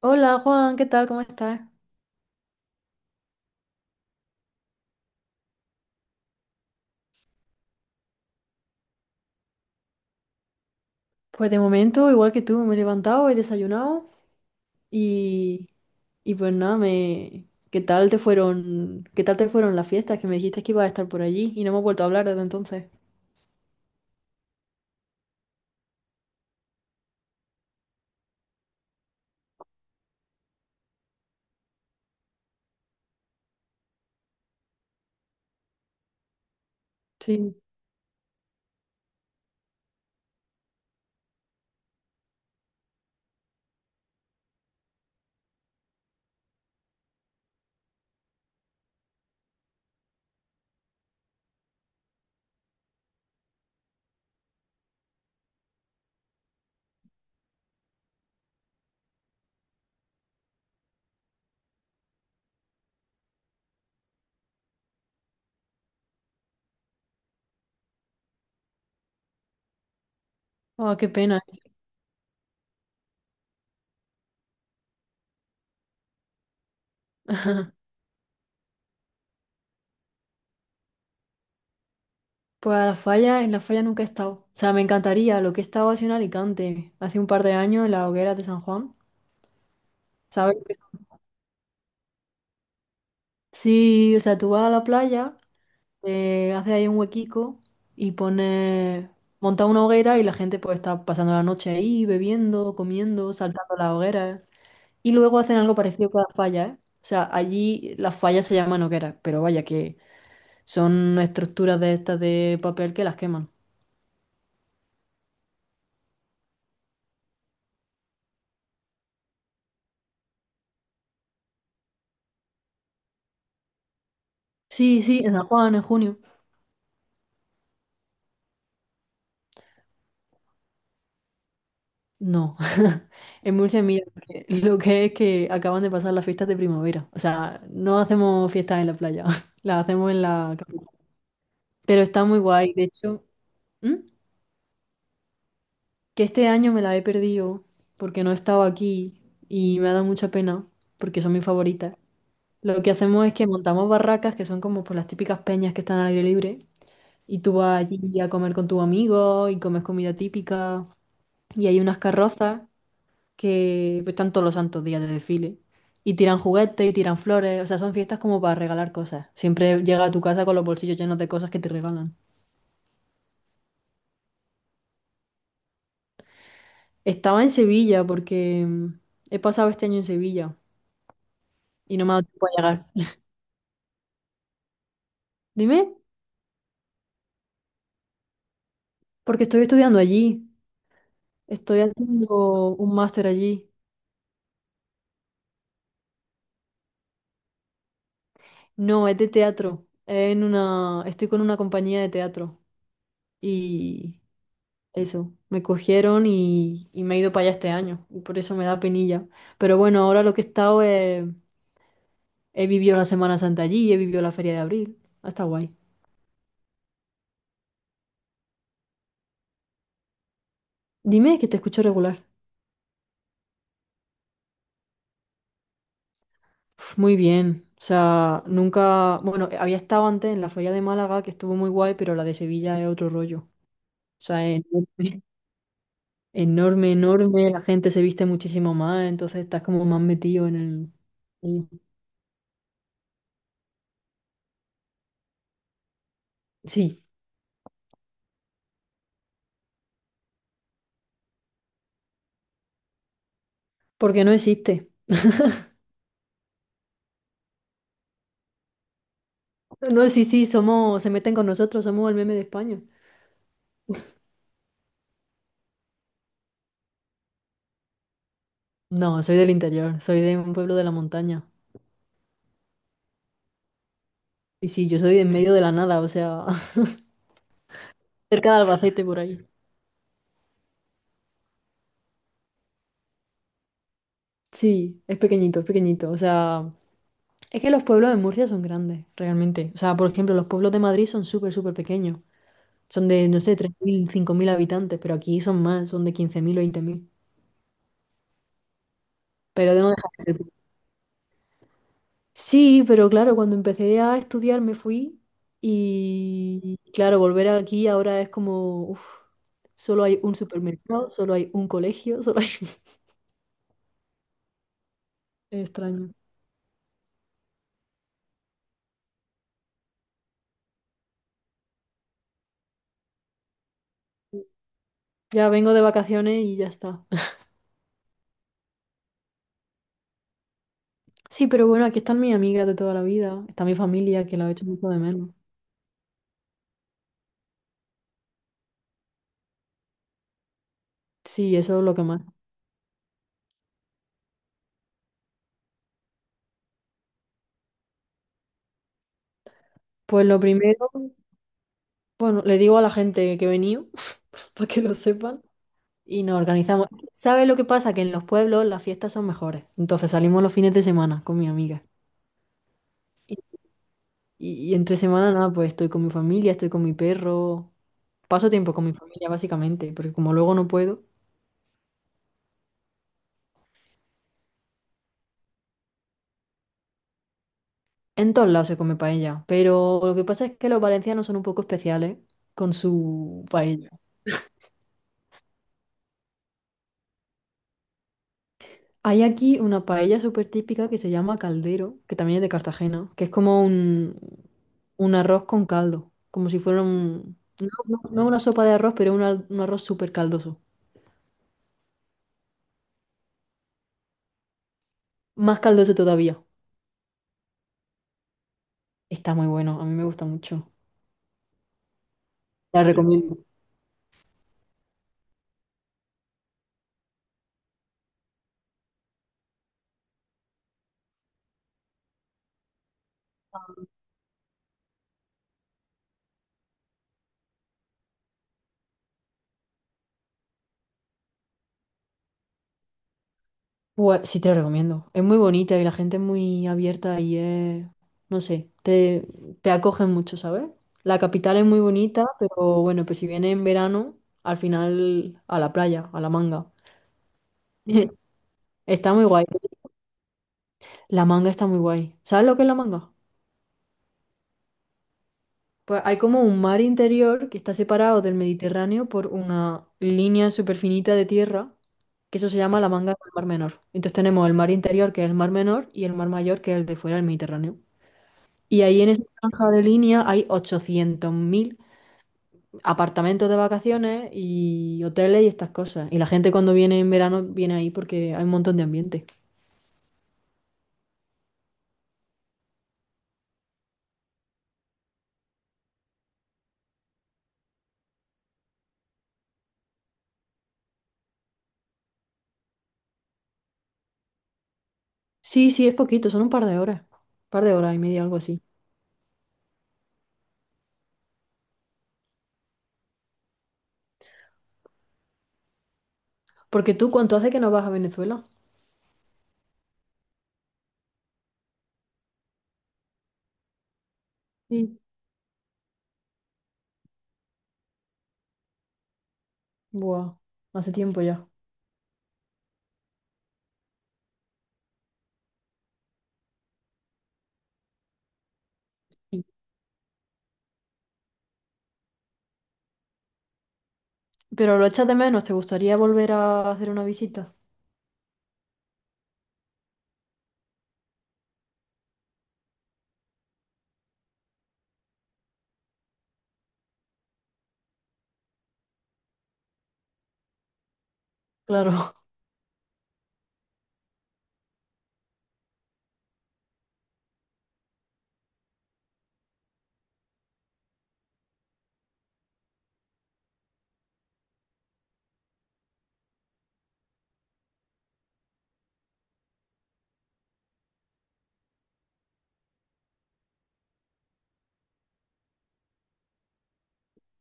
Hola Juan, ¿qué tal? ¿Cómo estás? Pues de momento, igual que tú, me he levantado, he desayunado y, y pues nada, me... ¿Qué tal te fueron las fiestas? Que me dijiste que ibas a estar por allí y no hemos vuelto a hablar desde entonces. Sí. Oh, qué pena. Pues a la falla, en la falla nunca he estado. O sea, me encantaría, lo que he estado ha sido en Alicante, hace un par de años en las hogueras de San Juan. ¿Sabes? Sí, o sea, tú vas a la playa. Te hace ahí un huequico y pone, monta una hoguera y la gente pues está pasando la noche ahí, bebiendo, comiendo, saltando la hoguera. Y luego hacen algo parecido con las fallas, ¿eh? O sea, allí las fallas se llaman hogueras, pero vaya que son estructuras de estas de papel que las queman. Sí, sí, en San Juan, en junio. No, en Murcia, mira, porque lo que es que acaban de pasar las fiestas de primavera. O sea, no hacemos fiestas en la playa, las hacemos en la capital. Pero está muy guay, de hecho. ¿Mm? Que este año me la he perdido porque no estaba aquí y me ha dado mucha pena porque son mis favoritas. Lo que hacemos es que montamos barracas que son como pues, las típicas peñas que están al aire libre y tú vas allí a comer con tus amigos y comes comida típica y hay unas carrozas que pues, están todos los santos días de desfile y tiran juguetes y tiran flores, o sea, son fiestas como para regalar cosas. Siempre llega a tu casa con los bolsillos llenos de cosas que te regalan. Estaba en Sevilla porque he pasado este año en Sevilla y no me ha dado tiempo a llegar. Dime, porque estoy estudiando allí. Estoy haciendo un máster allí. No, es de teatro. En una, estoy con una compañía de teatro. Y eso, me cogieron y me he ido para allá este año. Y por eso me da penilla. Pero bueno, ahora lo que he estado he vivido la Semana Santa allí, he vivido la Feria de Abril. Ha estado guay. Dime que te escucho regular. Uf, muy bien. O sea, nunca. Bueno, había estado antes en la Feria de Málaga, que estuvo muy guay, pero la de Sevilla es otro rollo. O sea, es enorme. Enorme, enorme, la gente se viste muchísimo más, entonces estás como más metido en el... y- Sí, porque no existe. No, sí, sí, somos, se meten con nosotros, somos el meme de España. No, soy del interior, soy de un pueblo de la montaña. Y sí, yo soy de en medio de la nada, o sea, cerca de Albacete por ahí. Sí, es pequeñito, o sea, es que los pueblos de Murcia son grandes, realmente. O sea, por ejemplo, los pueblos de Madrid son súper, súper pequeños. Son de, no sé, 3000, 5000 habitantes, pero aquí son más, son de 15 000 o 20 000. Pero de no dejar de ser. Sí, pero claro, cuando empecé a estudiar me fui y claro, volver aquí ahora es como, uf, solo hay un supermercado, solo hay un colegio, solo hay... Es extraño. Ya vengo de vacaciones y ya está. Sí, pero bueno, aquí están mis amigas de toda la vida, está mi familia que la he hecho mucho de menos. Sí, eso es lo que más. Pues lo primero, bueno, le digo a la gente que he venido para que lo sepan y nos organizamos. ¿Sabes lo que pasa? Que en los pueblos las fiestas son mejores. Entonces salimos los fines de semana con mi amiga. Y, y entre semana, nada, pues estoy con mi familia, estoy con mi perro. Paso tiempo con mi familia, básicamente, porque como luego no puedo, en todos lados se come paella. Pero lo que pasa es que los valencianos son un poco especiales con su paella. Hay aquí una paella súper típica que se llama caldero, que también es de Cartagena, que es como un arroz con caldo, como si fuera un... No una sopa de arroz, pero un, un arroz súper caldoso. Más caldoso todavía. Está muy bueno, a mí me gusta mucho. Te la recomiendo. Pues, sí, te la recomiendo. Es muy bonita y la gente es muy abierta y es... No sé, te acogen mucho, ¿sabes? La capital es muy bonita, pero bueno, pues si viene en verano, al final a la playa, a la manga. Está muy guay. La manga está muy guay. ¿Sabes lo que es la manga? Pues hay como un mar interior que está separado del Mediterráneo por una línea súper finita de tierra, que eso se llama la manga del Mar Menor. Entonces tenemos el mar interior, que es el Mar Menor, y el mar mayor, que es el de fuera del Mediterráneo. Y ahí en esa franja de línea hay 800 000 apartamentos de vacaciones y hoteles y estas cosas. Y la gente cuando viene en verano viene ahí porque hay un montón de ambiente. Sí, sí, es poquito, son un par de horas. Un par de horas y media, algo así. Porque tú, ¿cuánto hace que no vas a Venezuela? Sí. Buah, hace tiempo ya. Y- Pero lo echas de menos, ¿te gustaría volver a hacer una visita? Claro,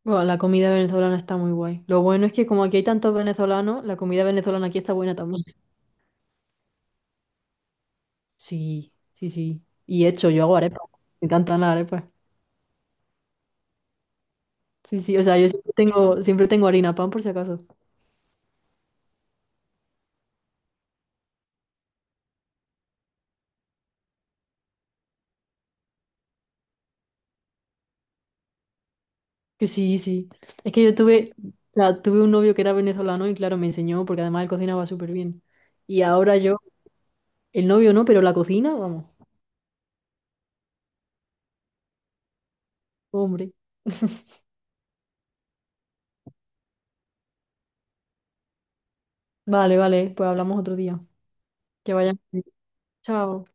buah, la comida venezolana está muy guay. Lo bueno es que como aquí hay tantos venezolanos, la comida venezolana aquí está buena también. Sí, sí, sí. Y hecho, yo hago arepas. Me encantan las arepas. Sí, sí, o sea, siempre tengo harina pan por si acaso. Que sí, sí. Es que yo tuve, o sea, tuve un novio que era venezolano y claro, me enseñó porque además él cocinaba súper bien. Y ahora yo el novio no, pero la cocina, vamos. Hombre. Vale, vale, pues hablamos otro día. Que vaya. Bien. Chao.